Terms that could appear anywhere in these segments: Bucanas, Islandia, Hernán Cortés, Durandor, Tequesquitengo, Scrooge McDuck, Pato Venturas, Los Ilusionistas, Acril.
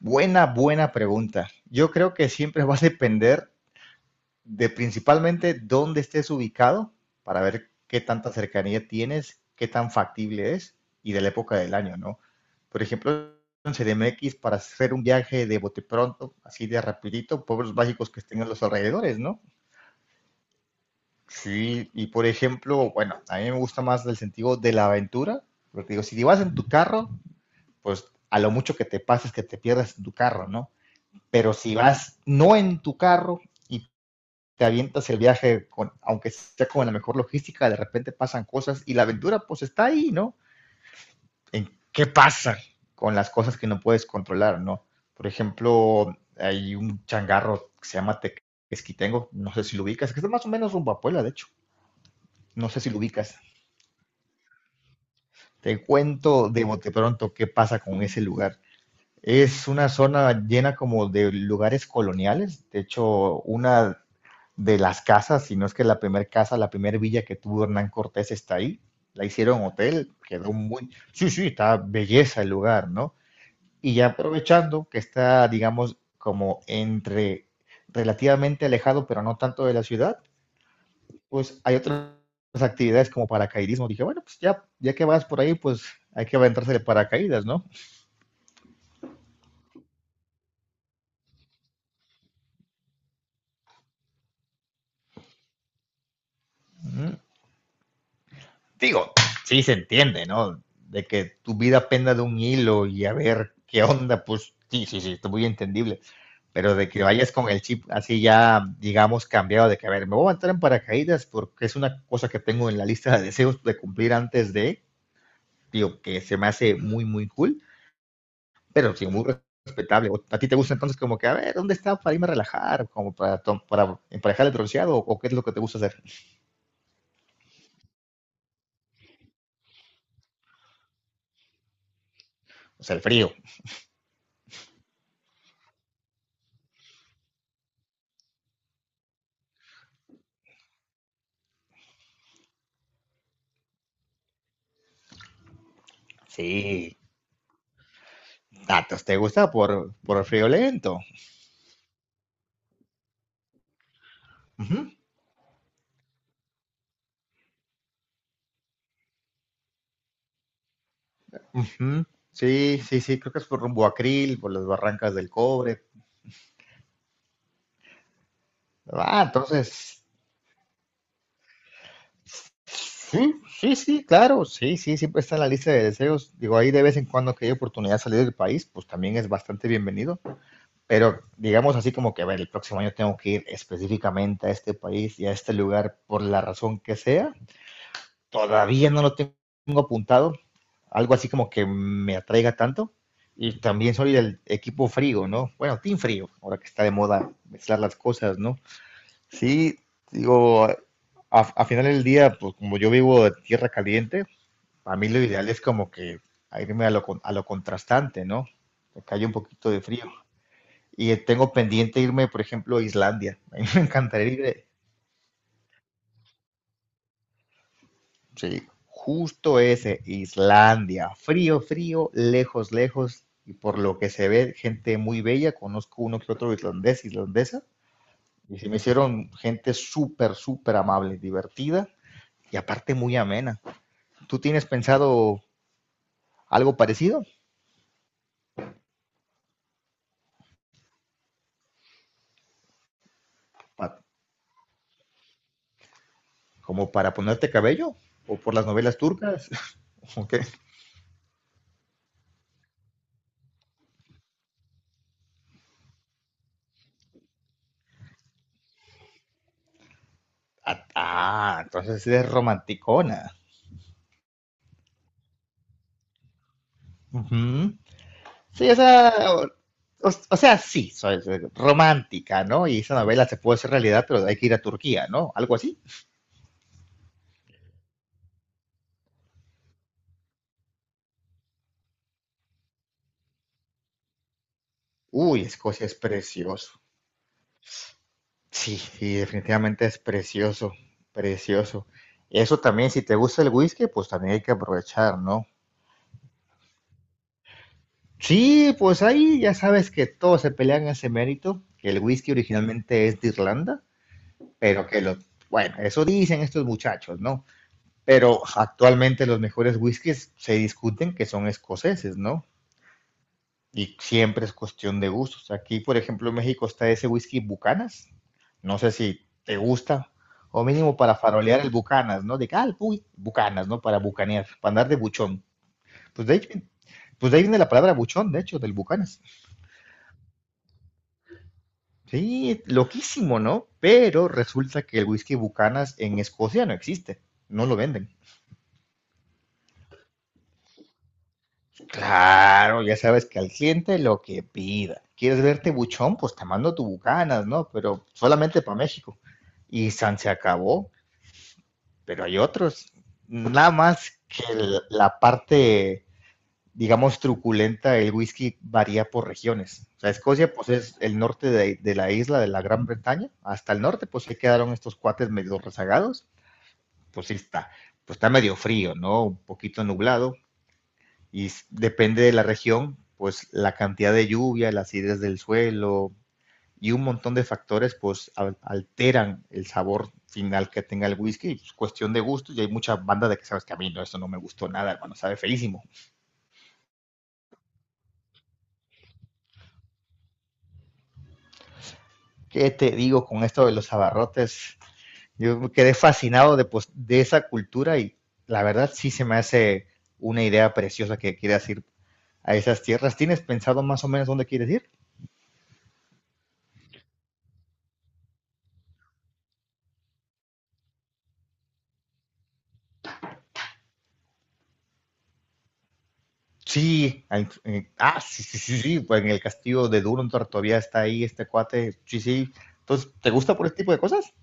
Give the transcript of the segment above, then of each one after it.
Buena, buena pregunta. Yo creo que siempre va a depender de principalmente dónde estés ubicado para ver qué tanta cercanía tienes, qué tan factible es y de la época del año, ¿no? Por ejemplo, en CDMX para hacer un viaje de bote pronto, así de rapidito, pueblos mágicos que estén en los alrededores, ¿no? Sí, y por ejemplo, bueno, a mí me gusta más el sentido de la aventura, porque digo, si vas en tu carro, pues a lo mucho que te pases que te pierdas en tu carro, ¿no? Pero si vas no en tu carro y te avientas el viaje, con, aunque sea con la mejor logística, de repente pasan cosas y la aventura pues está ahí, ¿no? ¿En qué pasa con las cosas que no puedes controlar, ¿no? Por ejemplo, hay un changarro que se llama Tequesquitengo, no sé si lo ubicas, que es más o menos rumbo a Puebla, de hecho, no sé si lo ubicas. Te cuento de bote pronto qué pasa con ese lugar. Es una zona llena como de lugares coloniales. De hecho, una de las casas, si no es que la primera casa, la primera villa que tuvo Hernán Cortés está ahí. La hicieron hotel, quedó muy. Sí, sí, está belleza el lugar, ¿no? Y ya aprovechando que está, digamos, como entre relativamente alejado, pero no tanto de la ciudad, pues hay otras actividades como paracaidismo. Dije, bueno, pues ya, ya que vas por ahí, pues hay que aventarse de paracaídas, ¿no? Ujú. Digo, sí se entiende, ¿no? De que tu vida penda de un hilo y a ver qué onda, pues sí, sí, sí, está muy entendible. Pero de que vayas con el chip así ya, digamos, cambiado, de que a ver, me voy a entrar en paracaídas porque es una cosa que tengo en la lista de deseos de cumplir antes de, digo, que se me hace muy, muy cool, pero sí, muy respetable. ¿O ¿A ti te gusta entonces como que, a ver, ¿dónde está para irme a relajar? Como para, para emparejar el bronceado o qué es lo que te gusta hacer? O sea, el frío. Sí, datos, ¿te gusta por, el frío lento? Uh -huh, uh -huh. Sí, sí, sí, creo que es por rumbo a Acril, por las barrancas del cobre. Ah, entonces, sí, sí, sí, claro, sí, sí, siempre está en la lista de deseos. Digo, ahí de vez en cuando que hay oportunidad de salir del país, pues también es bastante bienvenido. Pero digamos así como que, a ver, el próximo año tengo que ir específicamente a este país y a este lugar por la razón que sea. Todavía no lo tengo apuntado, algo así como que me atraiga tanto. Y también soy del equipo frío, ¿no? Bueno, Team Frío, ahora que está de moda mezclar las cosas, ¿no? Sí, digo, a final del día, pues como yo vivo de tierra caliente, a mí lo ideal es como que irme a lo, a lo contrastante, ¿no? Que haya un poquito de frío. Y tengo pendiente irme, por ejemplo, a Islandia. A mí me encantaría ir. Sí, justo ese, Islandia. Frío, frío, lejos, lejos. Y por lo que se ve, gente muy bella. Conozco uno que otro islandés, islandesa. Y se me hicieron gente súper, súper amable, divertida y aparte muy amena. ¿Tú tienes pensado algo parecido? Pa- ¿Como para ponerte cabello? ¿O por las novelas turcas? ¿O qué? Ah, ah, entonces eres romanticona. Ujú. Sí, o sea, sí, soy romántica, ¿no? Y esa novela se puede hacer realidad, pero hay que ir a Turquía, ¿no? Algo así. Uy, Escocia es precioso. Sí, sí, definitivamente es precioso, precioso. Eso también, si te gusta el whisky, pues también hay que aprovechar, ¿no? Sí, pues ahí ya sabes que todos se pelean ese mérito, que el whisky originalmente es de Irlanda, pero que lo, bueno, eso dicen estos muchachos, ¿no? Pero actualmente los mejores whiskies se discuten que son escoceses, ¿no? Y siempre es cuestión de gustos. Aquí, por ejemplo, en México está ese whisky Bucanas. No sé si te gusta, o mínimo para farolear el Bucanas, ¿no? De que, ah, uy, Bucanas, ¿no? Para bucanear, para andar de buchón. Pues de ahí, pues de ahí viene la palabra buchón, de hecho, del Bucanas. Sí, loquísimo, ¿no? Pero resulta que el whisky Bucanas en Escocia no existe, no lo venden. Claro, ya sabes que al cliente lo que pida. ¿Quieres verte buchón? Pues te mando tu bucanas, ¿no? Pero solamente para México. Y san se acabó, pero hay otros. Nada más que la parte, digamos, truculenta del whisky varía por regiones. O sea, Escocia, pues es el norte de la isla de la Gran Bretaña. Hasta el norte, pues se quedaron estos cuates medio rezagados. Pues sí está. Pues está medio frío, ¿no? Un poquito nublado y depende de la región, pues la cantidad de lluvia, la acidez del suelo y un montón de factores pues alteran el sabor final que tenga el whisky, pues, cuestión de gusto, y hay muchas bandas de que sabes que a mí no, esto no me gustó nada, hermano, sabe feísimo. ¿Qué te digo con esto de los abarrotes? Yo me quedé fascinado de, pues, de esa cultura y la verdad sí se me hace una idea preciosa que quieras ir a esas tierras. ¿Tienes pensado más o menos dónde quieres ir? Sí, sí, sí, sí, sí, pues en el castillo de Durandor todavía está ahí este cuate, sí, sí. Entonces, ¿te gusta por este tipo de cosas?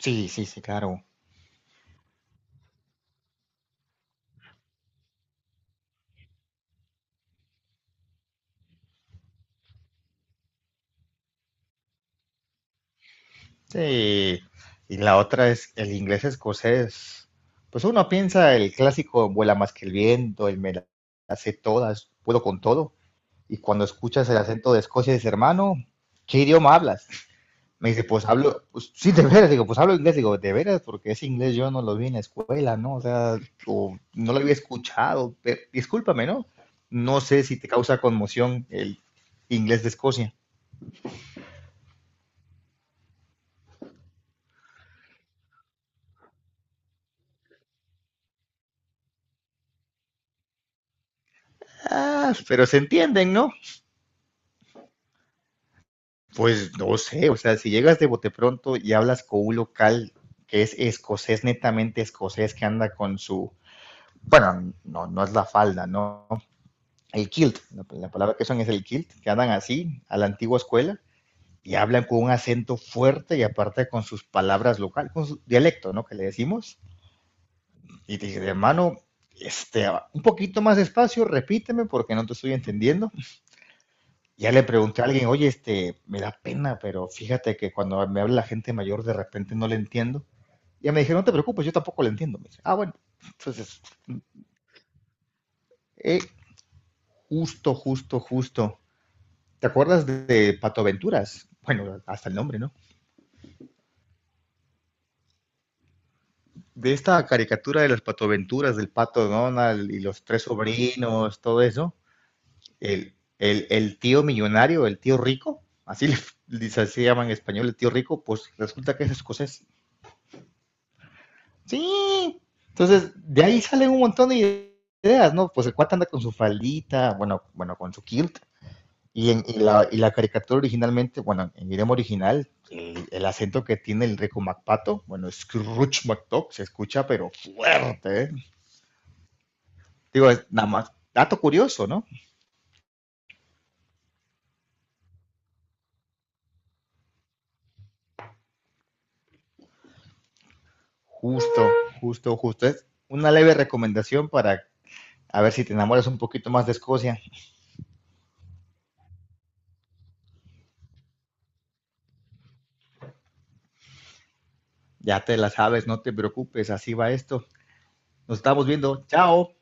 Sí, sí, sí, claro. Sí. Y la otra es el inglés escocés. Pues uno piensa el clásico vuela más que el viento, el me la hace todas, puedo con todo. Y cuando escuchas el acento de Escocia, dices, hermano, ¿qué idioma hablas? Me dice, pues hablo, pues, sí, de veras, digo, pues hablo inglés, digo, de veras, porque ese inglés yo no lo vi en la escuela, ¿no? O sea, o no lo había escuchado, pero discúlpame, ¿no? No sé si te causa conmoción el inglés de Escocia. Ah, pero se entienden, ¿no? Pues no sé, o sea, si llegas de bote pronto y hablas con un local que es escocés, netamente escocés, que anda con su, bueno, no, no es la falda, ¿no? El kilt, la palabra que son es el kilt, que andan así, a la antigua escuela, y hablan con un acento fuerte y aparte con sus palabras locales, con su dialecto, ¿no? Que le decimos. Y te dije, hermano, este, un poquito más despacio, repíteme porque no te estoy entendiendo. Ya le pregunté a alguien, oye, este, me da pena, pero fíjate que cuando me habla la gente mayor de repente no le entiendo. Ya me dijeron, no te preocupes, yo tampoco le entiendo. Me dice, ah, bueno, entonces, eh, justo, justo, justo. ¿Te acuerdas de Pato Venturas? Bueno, hasta el nombre, ¿no? De esta caricatura de las patoaventuras del pato Donald y los tres sobrinos, todo eso, el, el tío millonario, el tío rico, así le, así se llama en español, el tío rico, pues resulta que es escocés. Sí, entonces de ahí salen un montón de ideas, ¿no? Pues el cuate anda con su faldita, bueno, bueno, con su kilt. Y la caricatura originalmente, bueno, en idioma original, el acento que tiene el rico MacPato, bueno, Scrooge McDuck se escucha pero fuerte, ¿eh? Digo, es nada más, dato curioso, ¿no? Justo, justo, justo. Es una leve recomendación para a ver si te enamoras un poquito más de Escocia. Ya te la sabes, no te preocupes, así va esto. Nos estamos viendo. Chao.